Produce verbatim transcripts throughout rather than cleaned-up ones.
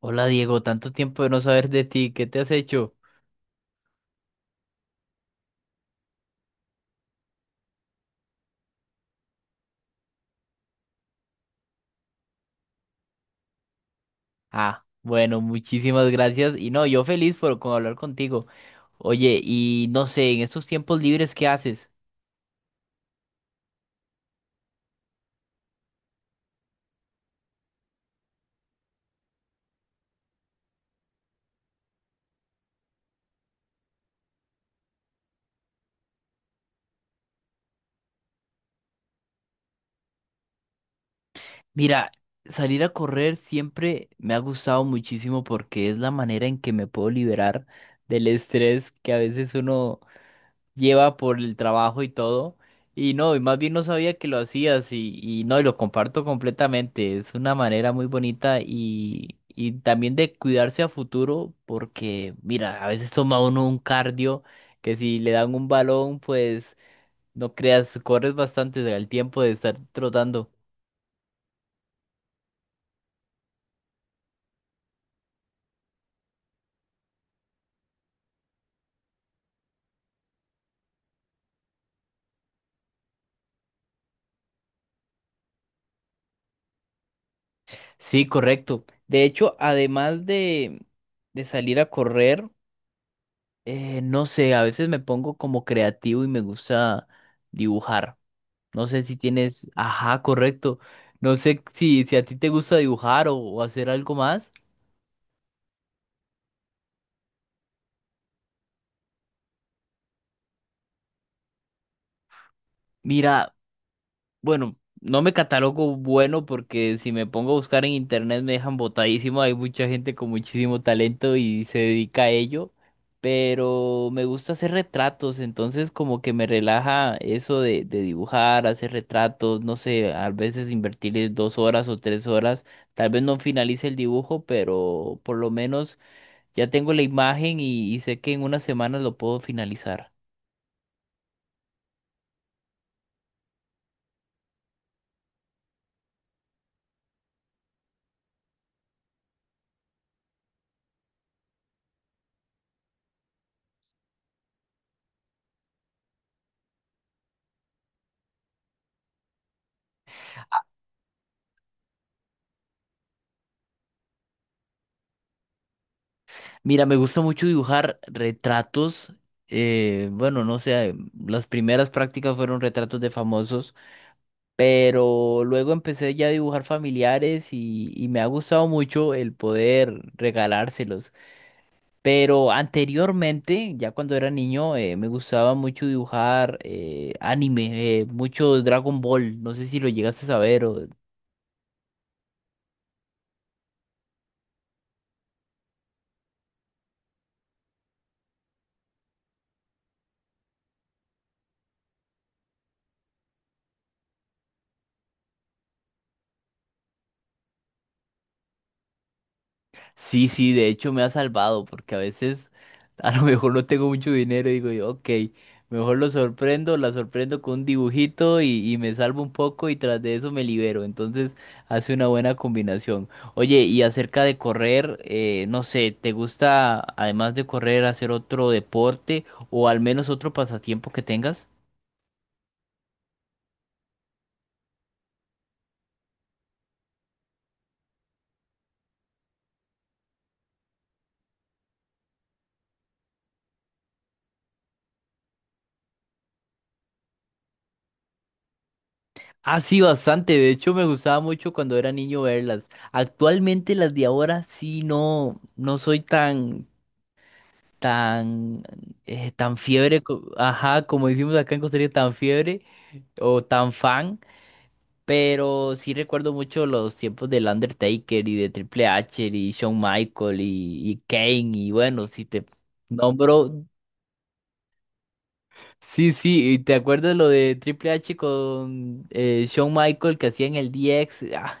Hola Diego, tanto tiempo de no saber de ti, ¿qué te has hecho? Ah, bueno, muchísimas gracias y no, yo feliz por con hablar contigo. Oye, y no sé, en estos tiempos libres, ¿qué haces? Mira, salir a correr siempre me ha gustado muchísimo porque es la manera en que me puedo liberar del estrés que a veces uno lleva por el trabajo y todo. Y no, y más bien no sabía que lo hacías y, y no, y lo comparto completamente. Es una manera muy bonita y, y también de cuidarse a futuro porque, mira, a veces toma uno un cardio que si le dan un balón, pues no creas, corres bastante el tiempo de estar trotando. Sí, correcto. De hecho, además de, de salir a correr, eh, no sé, a veces me pongo como creativo y me gusta dibujar. No sé si tienes, ajá, correcto. No sé si, si a ti te gusta dibujar o, o hacer algo más. Mira, bueno, no me catalogo bueno porque si me pongo a buscar en internet me dejan botadísimo. Hay mucha gente con muchísimo talento y se dedica a ello. Pero me gusta hacer retratos, entonces como que me relaja eso de, de dibujar, hacer retratos, no sé, a veces invertirle dos horas o tres horas. Tal vez no finalice el dibujo, pero por lo menos ya tengo la imagen y, y sé que en unas semanas lo puedo finalizar. Mira, me gusta mucho dibujar retratos. Eh, bueno, no sé, las primeras prácticas fueron retratos de famosos, pero luego empecé ya a dibujar familiares y, y me ha gustado mucho el poder regalárselos. Pero anteriormente, ya cuando era niño, eh, me gustaba mucho dibujar eh, anime, eh, mucho Dragon Ball. No sé si lo llegaste a saber o sí, sí, de hecho me ha salvado porque a veces a lo mejor no tengo mucho dinero y digo yo, ok, mejor lo sorprendo, la sorprendo con un dibujito y, y me salvo un poco y tras de eso me libero. Entonces hace una buena combinación. Oye, y acerca de correr, eh, no sé, ¿te gusta además de correr hacer otro deporte o al menos otro pasatiempo que tengas? Ah, sí, bastante. De hecho, me gustaba mucho cuando era niño verlas. Actualmente las de ahora sí no, no soy tan tan, eh, tan fiebre, co- ajá, como decimos acá en Costa Rica, tan fiebre o tan fan, pero sí recuerdo mucho los tiempos del Undertaker y de Triple H y Shawn Michael y, y Kane y bueno, si te nombro, sí, sí, y te acuerdas lo de Triple H con eh, Shawn Michael que hacían el D X, ah,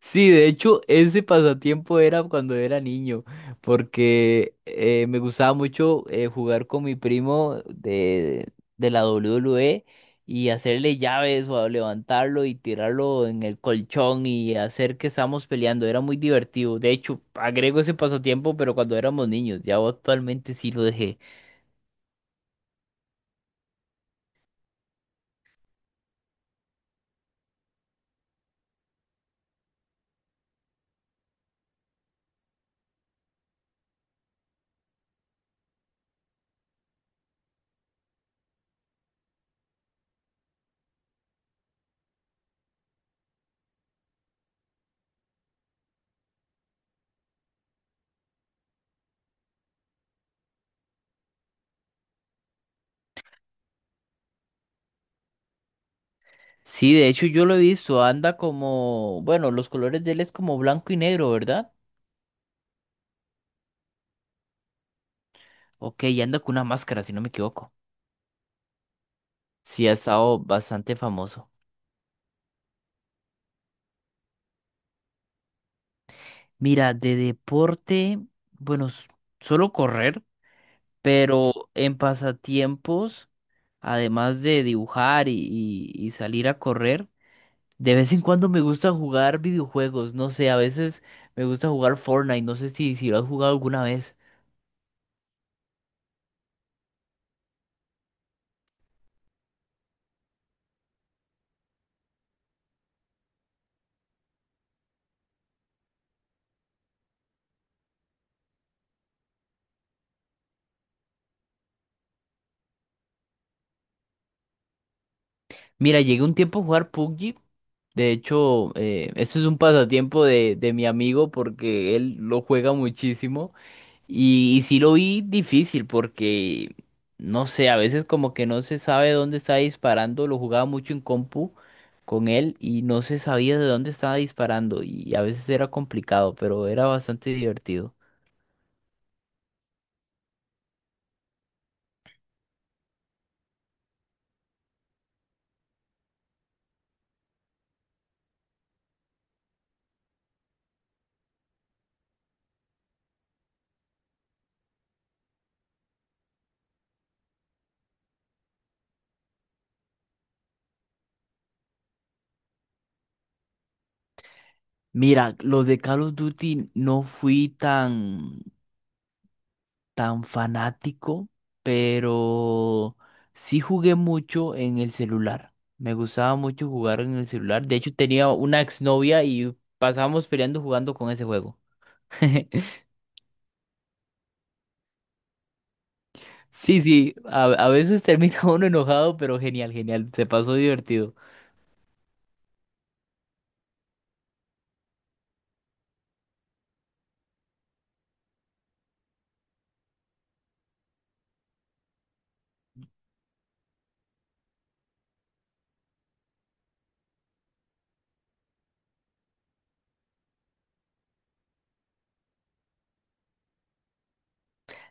sí, de hecho, ese pasatiempo era cuando era niño, porque eh, me gustaba mucho eh, jugar con mi primo de, de la doble u doble u E y hacerle llaves o a levantarlo y tirarlo en el colchón y hacer que estábamos peleando. Era muy divertido. De hecho, agrego ese pasatiempo, pero cuando éramos niños, ya actualmente sí lo dejé. Sí, de hecho, yo lo he visto. Anda como, bueno, los colores de él es como blanco y negro, ¿verdad? Ok, y anda con una máscara, si no me equivoco. Sí, ha estado bastante famoso. Mira, de deporte, bueno, s- solo correr, pero en pasatiempos, además de dibujar y, y- y salir a correr, de vez en cuando me gusta jugar videojuegos. No sé, a veces me gusta jugar Fortnite, no sé si, si lo has jugado alguna vez. Mira, llegué un tiempo a jugar P U B G. De hecho, eh, esto es un pasatiempo de, de mi amigo porque él lo juega muchísimo. Y, y sí lo vi difícil porque, no sé, a veces como que no se sabe dónde está disparando, lo jugaba mucho en compu con él y no se sabía de dónde estaba disparando y a veces era complicado, pero era bastante divertido. Mira, los de Call of Duty no fui tan, tan fanático, pero sí jugué mucho en el celular. Me gustaba mucho jugar en el celular. De hecho, tenía una exnovia y pasábamos peleando jugando con ese juego. Sí, sí, a, a veces termina uno enojado, pero genial, genial, se pasó divertido.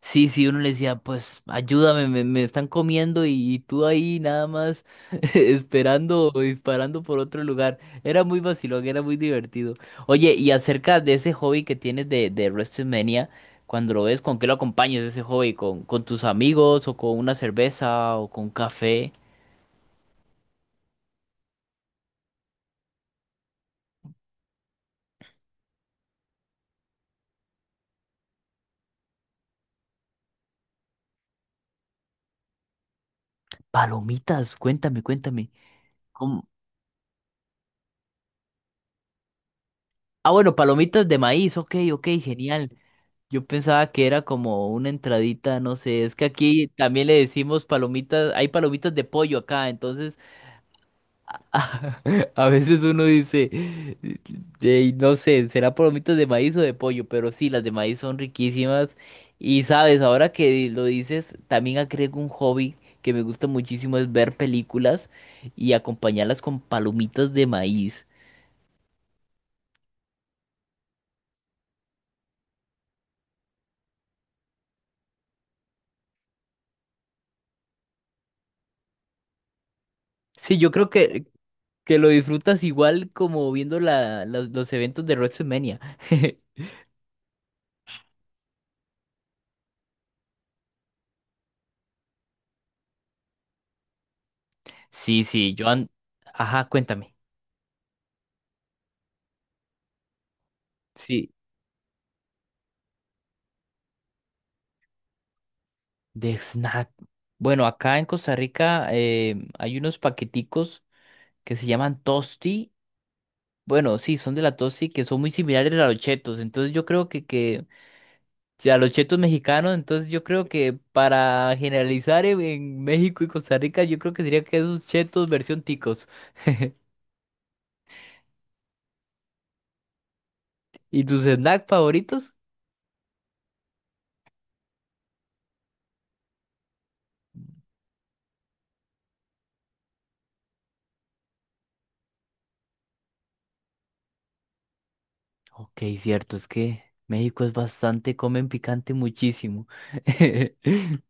Sí, sí, uno le decía, pues ayúdame, me, me están comiendo y, y tú ahí nada más esperando o disparando por otro lugar. Era muy vacilón, era muy divertido. Oye, y acerca de ese hobby que tienes de, de WrestleMania, cuando lo ves, ¿con qué lo acompañas ese hobby? ¿Con, con tus amigos o con una cerveza o con café? Palomitas, cuéntame, cuéntame. Ah, bueno, palomitas de maíz, ok, ok, genial. Yo pensaba que era como una entradita, no sé, es que aquí también le decimos palomitas, hay palomitas de pollo acá, entonces a, veces uno dice, "Ey, no sé, será palomitas de maíz o de pollo, pero sí, las de maíz son riquísimas. Y sabes, ahora que lo dices, también agrego un hobby que me gusta muchísimo, es ver películas y acompañarlas con palomitas de maíz. Sí, yo creo que que lo disfrutas igual como viendo la, las- los eventos de WrestleMania. Sí, sí, Joan. Ajá, cuéntame. Sí, de snack. Bueno, acá en Costa Rica eh, hay unos paqueticos que se llaman Tosti. Bueno, sí, son de la Tosti que son muy similares a los chetos. Entonces yo creo que, que sí, a los chetos mexicanos, entonces yo creo que para generalizar en, en México y Costa Rica, yo creo que sería que esos chetos versión ticos. ¿Y tus snacks favoritos? Ok, cierto, es que México es bastante, comen picante muchísimo.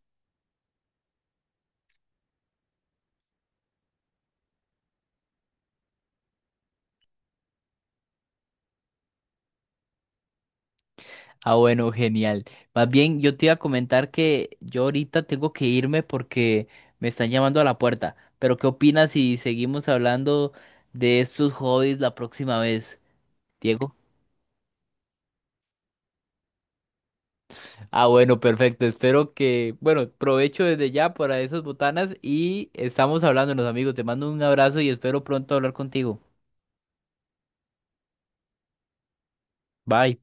Ah, bueno, genial. Más bien, yo te iba a comentar que yo ahorita tengo que irme porque me están llamando a la puerta. Pero, ¿qué opinas si seguimos hablando de estos hobbies la próxima vez, Diego? Ah, bueno, perfecto. Espero que, bueno, provecho desde ya para esas botanas y estamos hablándonos, amigos. Te mando un abrazo y espero pronto hablar contigo. Bye.